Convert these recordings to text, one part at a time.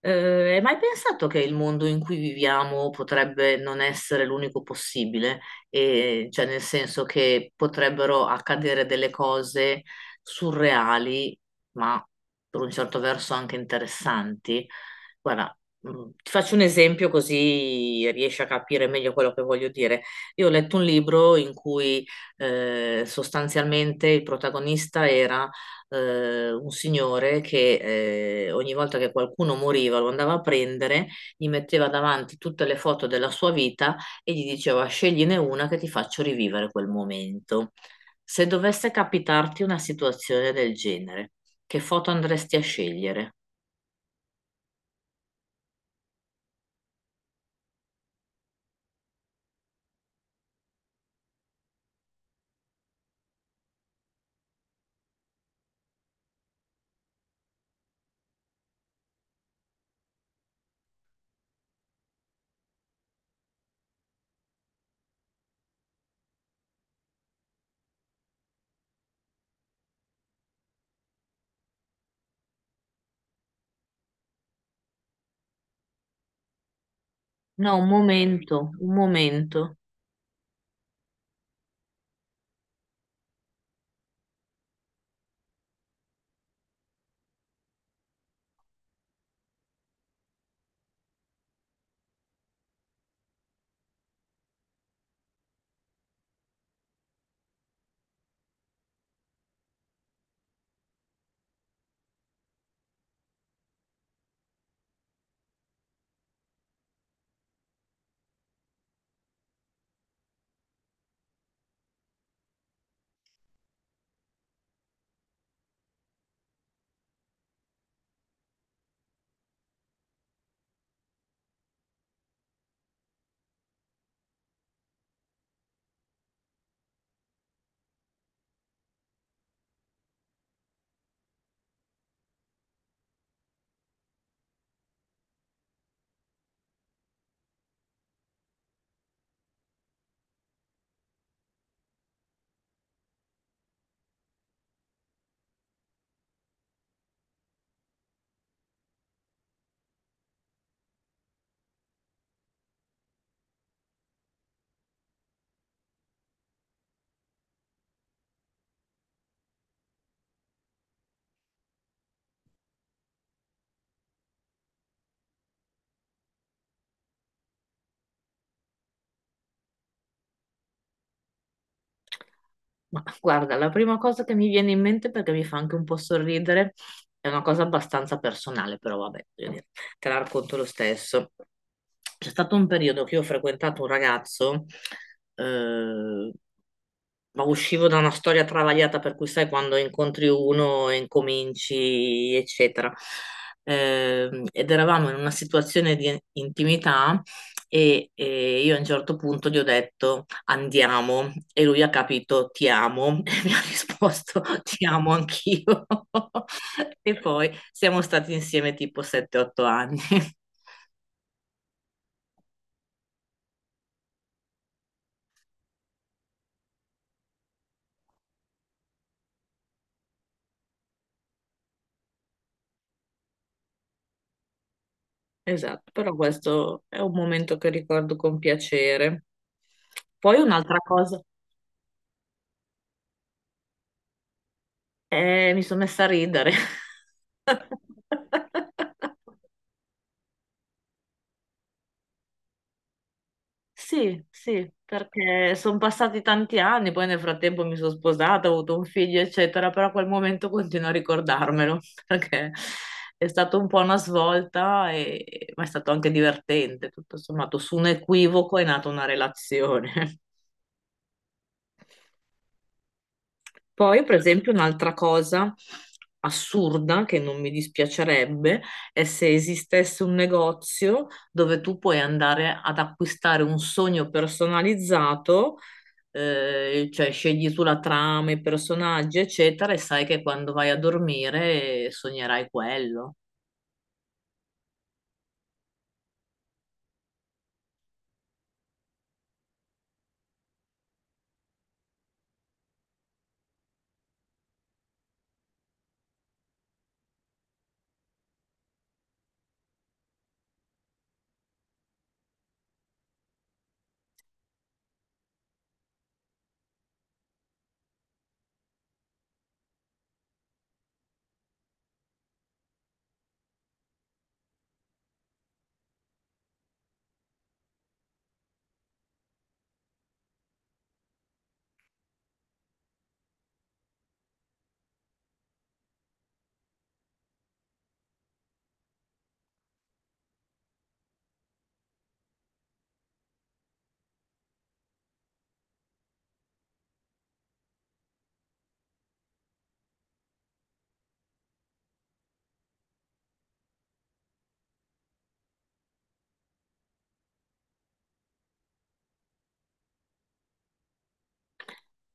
Hai mai pensato che il mondo in cui viviamo potrebbe non essere l'unico possibile? E, cioè, nel senso che potrebbero accadere delle cose surreali, ma per un certo verso anche interessanti. Guarda, ti faccio un esempio così riesci a capire meglio quello che voglio dire. Io ho letto un libro in cui sostanzialmente il protagonista era un signore che, ogni volta che qualcuno moriva, lo andava a prendere, gli metteva davanti tutte le foto della sua vita e gli diceva: scegliene una che ti faccio rivivere quel momento. Se dovesse capitarti una situazione del genere, che foto andresti a scegliere? No, un momento, un momento. Ma guarda, la prima cosa che mi viene in mente, perché mi fa anche un po' sorridere, è una cosa abbastanza personale, però vabbè, voglio dire, te la racconto lo stesso. C'è stato un periodo che io ho frequentato un ragazzo, eh, ma uscivo da una storia travagliata, per cui sai, quando incontri uno e incominci, eccetera. Ed eravamo in una situazione di intimità e io a un certo punto gli ho detto andiamo e lui ha capito ti amo e mi ha risposto ti amo anch'io e poi siamo stati insieme tipo 7-8 anni. Esatto, però questo è un momento che ricordo con piacere. Poi un'altra cosa, mi sono messa a ridere. Sì, sì, perché sono passati tanti anni, poi nel frattempo mi sono sposata, ho avuto un figlio, eccetera, però quel momento continuo a ricordarmelo, perché è stata un po' una svolta, ma è stato anche divertente, tutto sommato: su un equivoco è nata una relazione. Poi, per esempio, un'altra cosa assurda che non mi dispiacerebbe è se esistesse un negozio dove tu puoi andare ad acquistare un sogno personalizzato, cioè scegli tu la trama, i personaggi, eccetera, e sai che quando vai a dormire sognerai quello.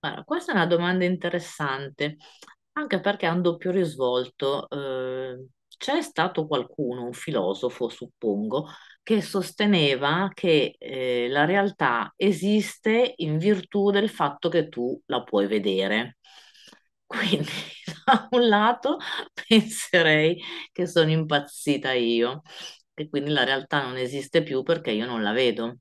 Allora, questa è una domanda interessante, anche perché ha un doppio risvolto. C'è stato qualcuno, un filosofo, suppongo, che sosteneva che, la realtà esiste in virtù del fatto che tu la puoi vedere. Quindi, da un lato, penserei che sono impazzita io, che quindi la realtà non esiste più perché io non la vedo.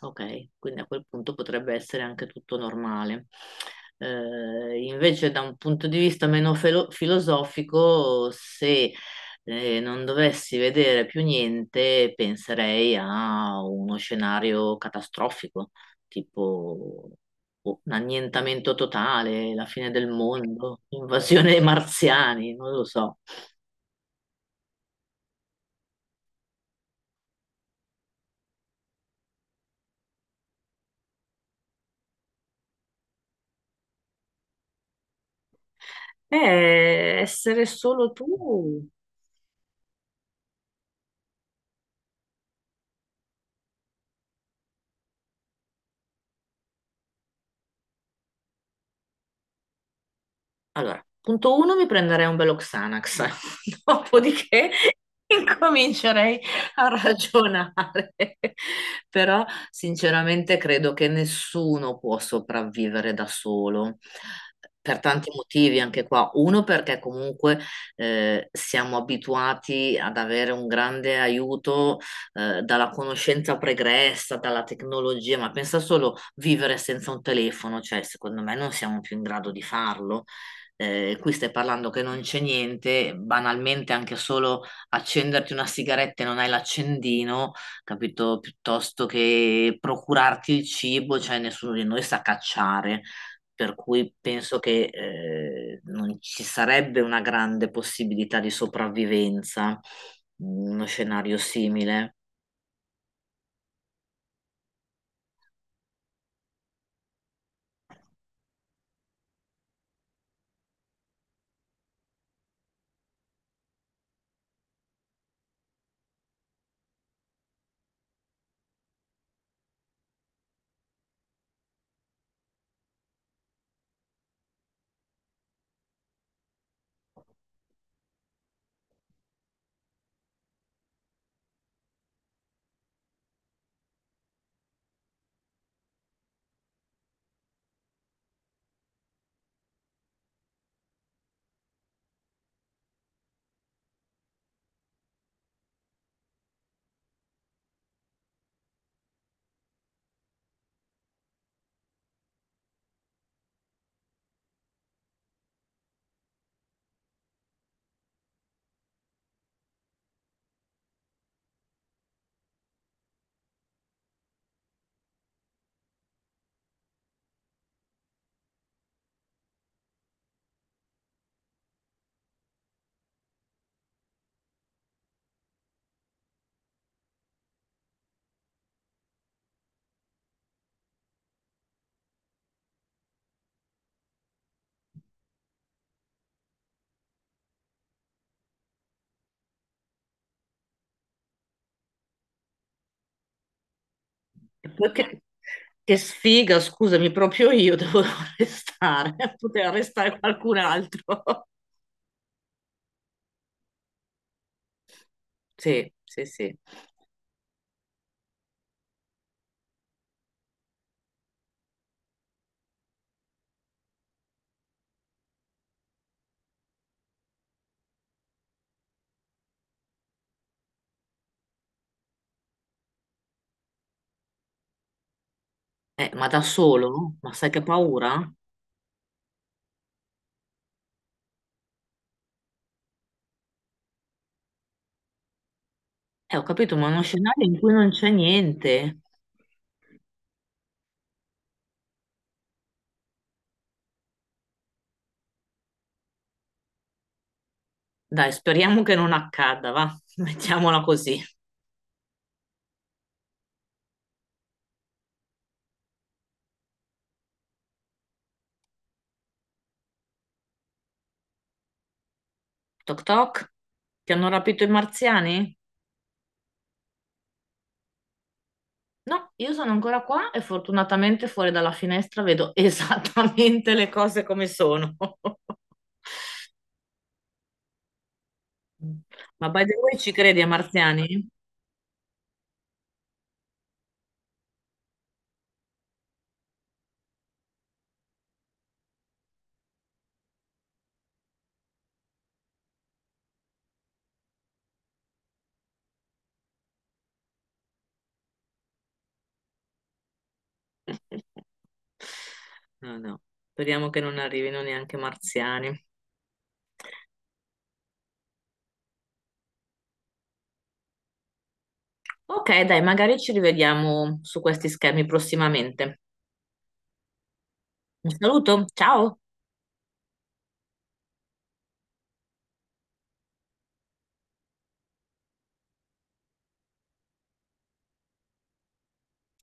Ok, quindi a quel punto potrebbe essere anche tutto normale. Invece, da un punto di vista meno filosofico, se non dovessi vedere più niente, penserei a uno scenario catastrofico, tipo boh, un annientamento totale, la fine del mondo, invasione dei marziani, non lo so. Essere solo tu. Allora, punto uno, mi prenderei un bello Xanax, dopodiché incomincerei a ragionare. Però, sinceramente, credo che nessuno può sopravvivere da solo. Per tanti motivi anche qua. Uno, perché comunque siamo abituati ad avere un grande aiuto dalla conoscenza pregressa, dalla tecnologia, ma pensa solo vivere senza un telefono, cioè secondo me non siamo più in grado di farlo. Qui stai parlando che non c'è niente, banalmente anche solo accenderti una sigaretta e non hai l'accendino, capito? Piuttosto che procurarti il cibo, cioè nessuno di noi sa cacciare, per cui penso che, non ci sarebbe una grande possibilità di sopravvivenza in uno scenario simile. E poi che sfiga, scusami, proprio io devo restare, poteva restare qualcun altro. Sì, sì, sì. Ma da solo? Ma sai che paura? Ho capito, ma è uno scenario in cui non c'è niente. Dai, speriamo che non accada, va? Mettiamola così. Toc toc. Ti hanno rapito i marziani? No, io sono ancora qua e fortunatamente fuori dalla finestra vedo esattamente le cose come sono. Ma by the way, ci credi ai marziani? No, no, speriamo che non arrivino neanche marziani. Ok, dai, magari ci rivediamo su questi schemi prossimamente. Un saluto, ciao!